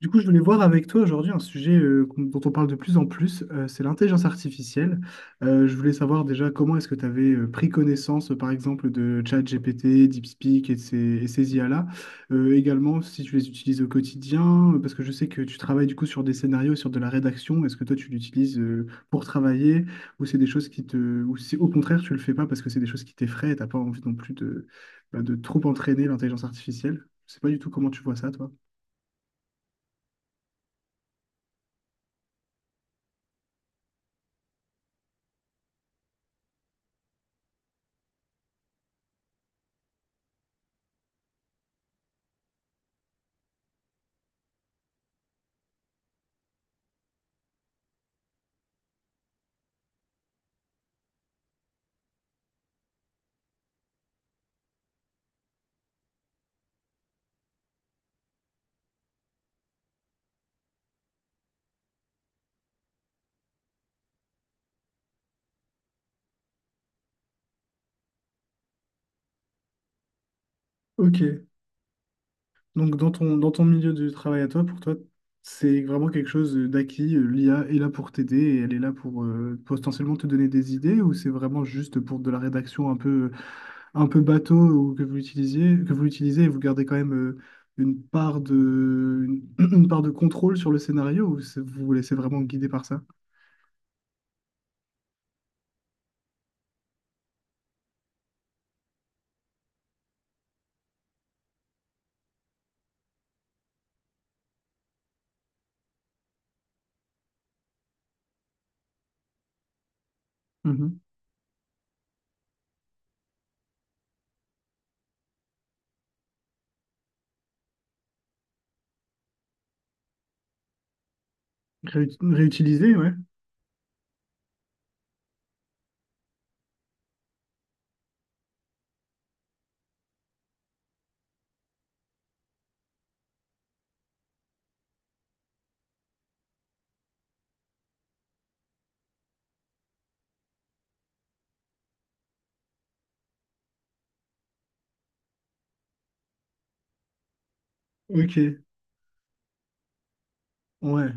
Du coup, je voulais voir avec toi aujourd'hui un sujet dont on parle de plus en plus, c'est l'intelligence artificielle. Je voulais savoir déjà comment est-ce que tu avais pris connaissance, par exemple, de ChatGPT, DeepSpeak et ces IA-là. Également, si tu les utilises au quotidien, parce que je sais que tu travailles du coup sur des scénarios, sur de la rédaction. Est-ce que toi, tu l'utilises pour travailler ou c'est des choses qui ou si au contraire, tu le fais pas parce que c'est des choses qui t'effraient et t'as pas envie non plus bah, de trop entraîner l'intelligence artificielle. Je sais pas du tout comment tu vois ça, toi. Ok. Donc, dans ton milieu de travail à toi, pour toi, c'est vraiment quelque chose d'acquis. L'IA est là pour t'aider et elle est là pour potentiellement te donner des idées, ou c'est vraiment juste pour de la rédaction un peu bateau, ou que vous utilisez et vous gardez quand même une part de, une, une part de contrôle sur le scénario, ou vous vous laissez vraiment guider par ça? Mhm. Réutiliser, ouais. Ok, ouais.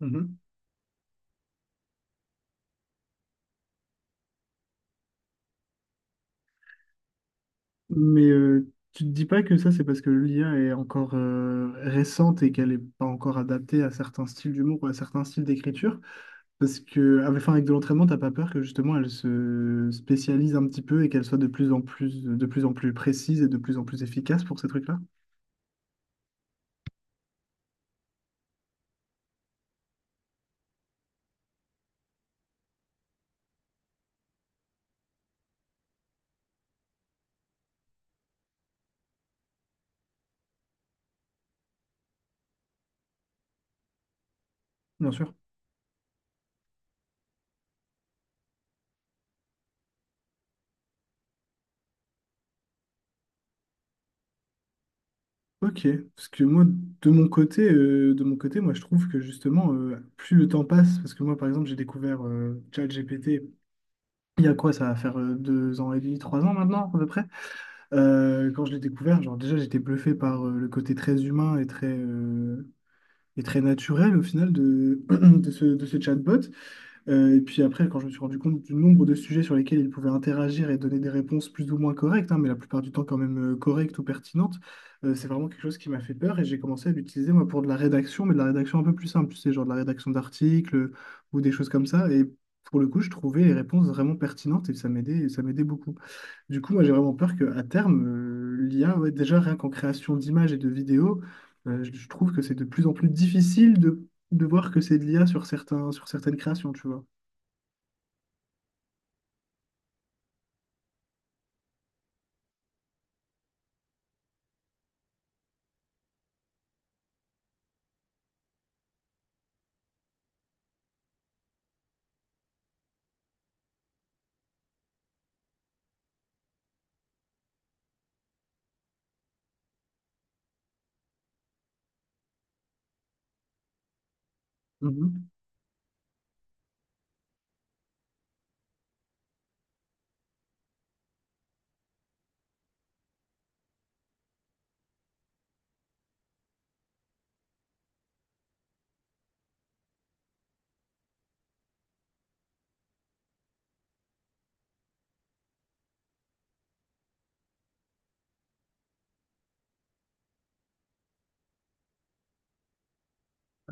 Mhm. Mais tu te dis pas que ça, c'est parce que l'IA est encore récente et qu'elle n'est pas encore adaptée à certains styles d'humour ou à certains styles d'écriture? Parce que, enfin, avec de l'entraînement, t'as pas peur que justement elle se spécialise un petit peu et qu'elle soit de plus en plus précise et de plus en plus efficace pour ces trucs-là? Bien sûr. Ok, parce que moi, de mon côté, moi, je trouve que justement, plus le temps passe, parce que moi, par exemple, j'ai découvert ChatGPT. Il y a quoi, ça va faire 2 ans et demi, 3 ans maintenant, à peu près. Quand je l'ai découvert, genre déjà, j'étais bluffé par le côté très humain et très naturel au final de ce chatbot. Et puis après, quand je me suis rendu compte du nombre de sujets sur lesquels ils pouvaient interagir et donner des réponses plus ou moins correctes, hein, mais la plupart du temps quand même correctes ou pertinentes, c'est vraiment quelque chose qui m'a fait peur et j'ai commencé à l'utiliser moi pour de la rédaction, mais de la rédaction un peu plus simple, tu sais, genre de la rédaction d'articles ou des choses comme ça. Et pour le coup, je trouvais les réponses vraiment pertinentes et ça ça m'aidait beaucoup. Du coup, moi j'ai vraiment peur qu'à terme, l'IA, ouais, déjà rien qu'en création d'images et de vidéos, je trouve que c'est de plus en plus difficile de voir que c'est de l'IA sur sur certaines créations, tu vois. Mhm.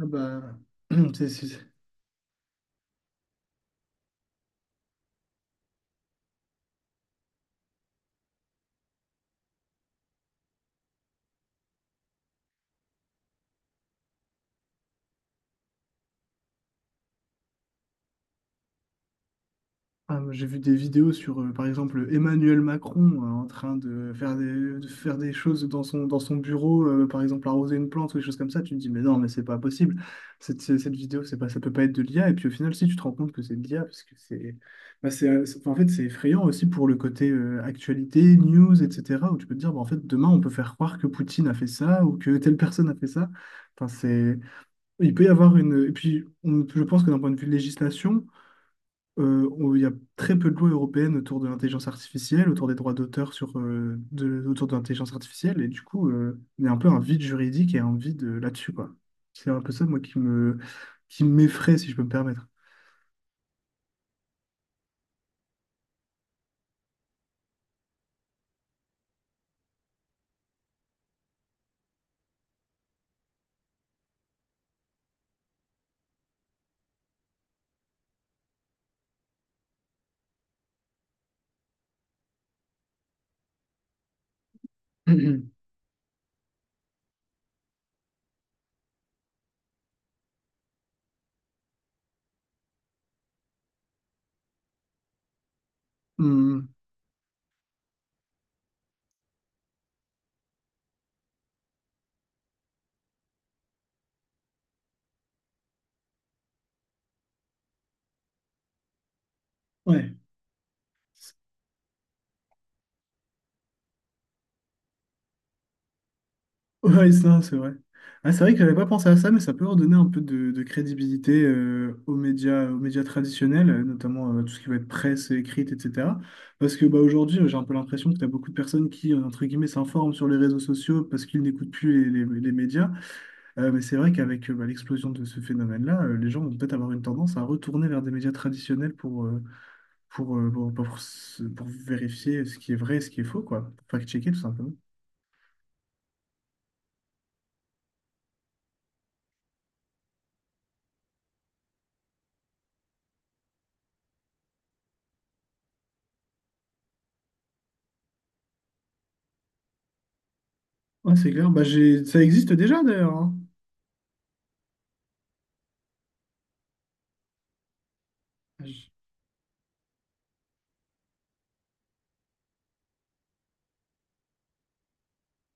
Ah bah, c'est- c'est- ah, moi, j'ai vu des vidéos sur, par exemple, Emmanuel Macron en train de de faire des choses dans dans son bureau, par exemple arroser une plante ou des choses comme ça. Tu te dis, mais non, mais c'est pas possible. Cette vidéo, c'est pas, ça peut pas être de l'IA. Et puis au final, si tu te rends compte que c'est de l'IA, parce que enfin, en fait, c'est effrayant aussi pour le côté actualité, news, etc., où tu peux te dire, bah, en fait, demain, on peut faire croire que Poutine a fait ça ou que telle personne a fait ça. Enfin, c'est Il peut y avoir une. Et puis, je pense que d'un point de vue législation, il y a très peu de lois européennes autour de l'intelligence artificielle, autour des droits d'auteur autour de l'intelligence artificielle. Et du coup, il y a un peu un vide juridique et un vide là-dessus, quoi. C'est un peu ça, qui qui m'effraie, si je peux me permettre. Hum, ouais. Ouais, ça, c'est vrai. Ah, c'est vrai que j'avais pas pensé à ça, mais ça peut redonner un peu de crédibilité aux médias traditionnels, notamment tout ce qui va être presse écrite, etc. Parce que bah, aujourd'hui, j'ai un peu l'impression que tu as beaucoup de personnes qui, entre guillemets, s'informent sur les réseaux sociaux parce qu'ils n'écoutent plus les médias. Mais c'est vrai qu'avec bah, l'explosion de ce phénomène-là, les gens vont peut-être avoir une tendance à retourner vers des médias traditionnels pour pour vérifier ce qui est vrai et ce qui est faux, quoi. Pour fact-checker, tout simplement. Ouais, c'est clair. Bah, j'ai... Ça existe déjà, d'ailleurs, hein. J-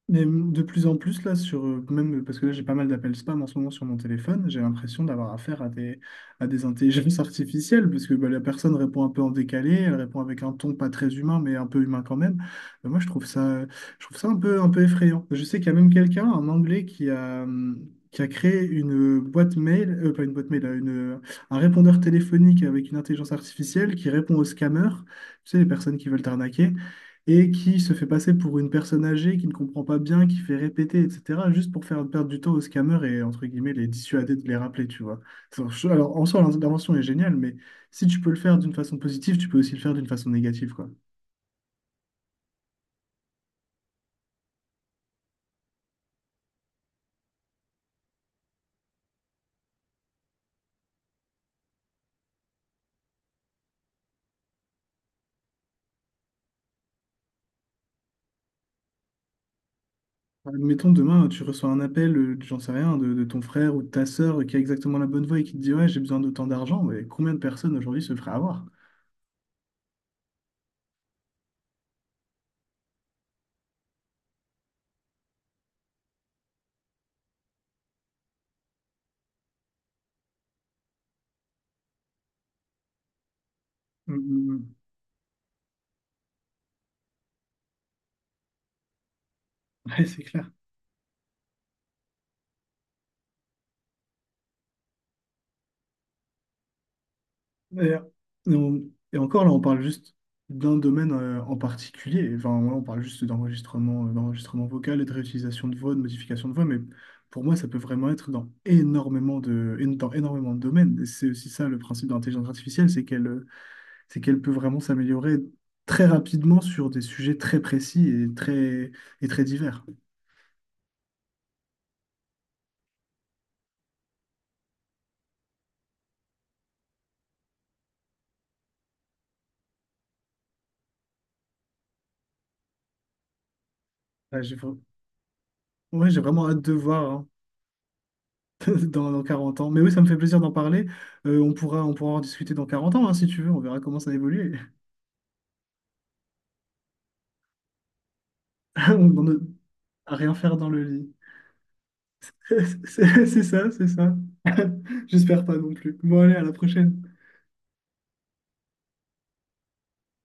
Mais de plus en plus là sur même parce que là j'ai pas mal d'appels spam en ce moment sur mon téléphone, j'ai l'impression d'avoir affaire à des intelligences artificielles parce que bah, la personne répond un peu en décalé, elle répond avec un ton pas très humain mais un peu humain quand même. Bah, moi je trouve ça un peu effrayant. Je sais qu'il y a même quelqu'un, un Anglais qui a créé pas une boîte mail, un répondeur téléphonique avec une intelligence artificielle qui répond aux scammers, tu sais, les personnes qui veulent t'arnaquer, et qui se fait passer pour une personne âgée qui ne comprend pas bien, qui fait répéter, etc., juste pour faire perdre du temps aux scammers et, entre guillemets, les dissuader de les rappeler, tu vois. Alors, en soi, l'intervention est géniale, mais si tu peux le faire d'une façon positive, tu peux aussi le faire d'une façon négative, quoi. Admettons, demain, tu reçois un appel, j'en sais rien, de ton frère ou de ta sœur qui a exactement la bonne voix et qui te dit, ouais, j'ai besoin d'autant d'argent, mais combien de personnes aujourd'hui se feraient avoir? Mm, mm, mm. Ouais, c'est clair. Et, et on- et encore là, on parle juste d'un domaine en particulier. Enfin, là, on parle juste d'enregistrement, d'enregistrement vocal et de réutilisation de voix, de modification de voix. Mais pour moi, ça peut vraiment être dans énormément dans énormément de domaines. Et c'est aussi ça le principe de l'intelligence artificielle, c'est qu'elle peut vraiment s'améliorer très rapidement sur des sujets très précis et et très divers. Ouais, j'ai vra- Ouais, j'ai vraiment hâte de voir, hein, dans 40 ans. Mais oui, ça me fait plaisir d'en parler. On pourra en discuter dans 40 ans, hein, si tu veux. On verra comment ça évolue. On ne- À rien faire dans le lit. C'est ça. J'espère pas non plus. Bon, allez, à la prochaine.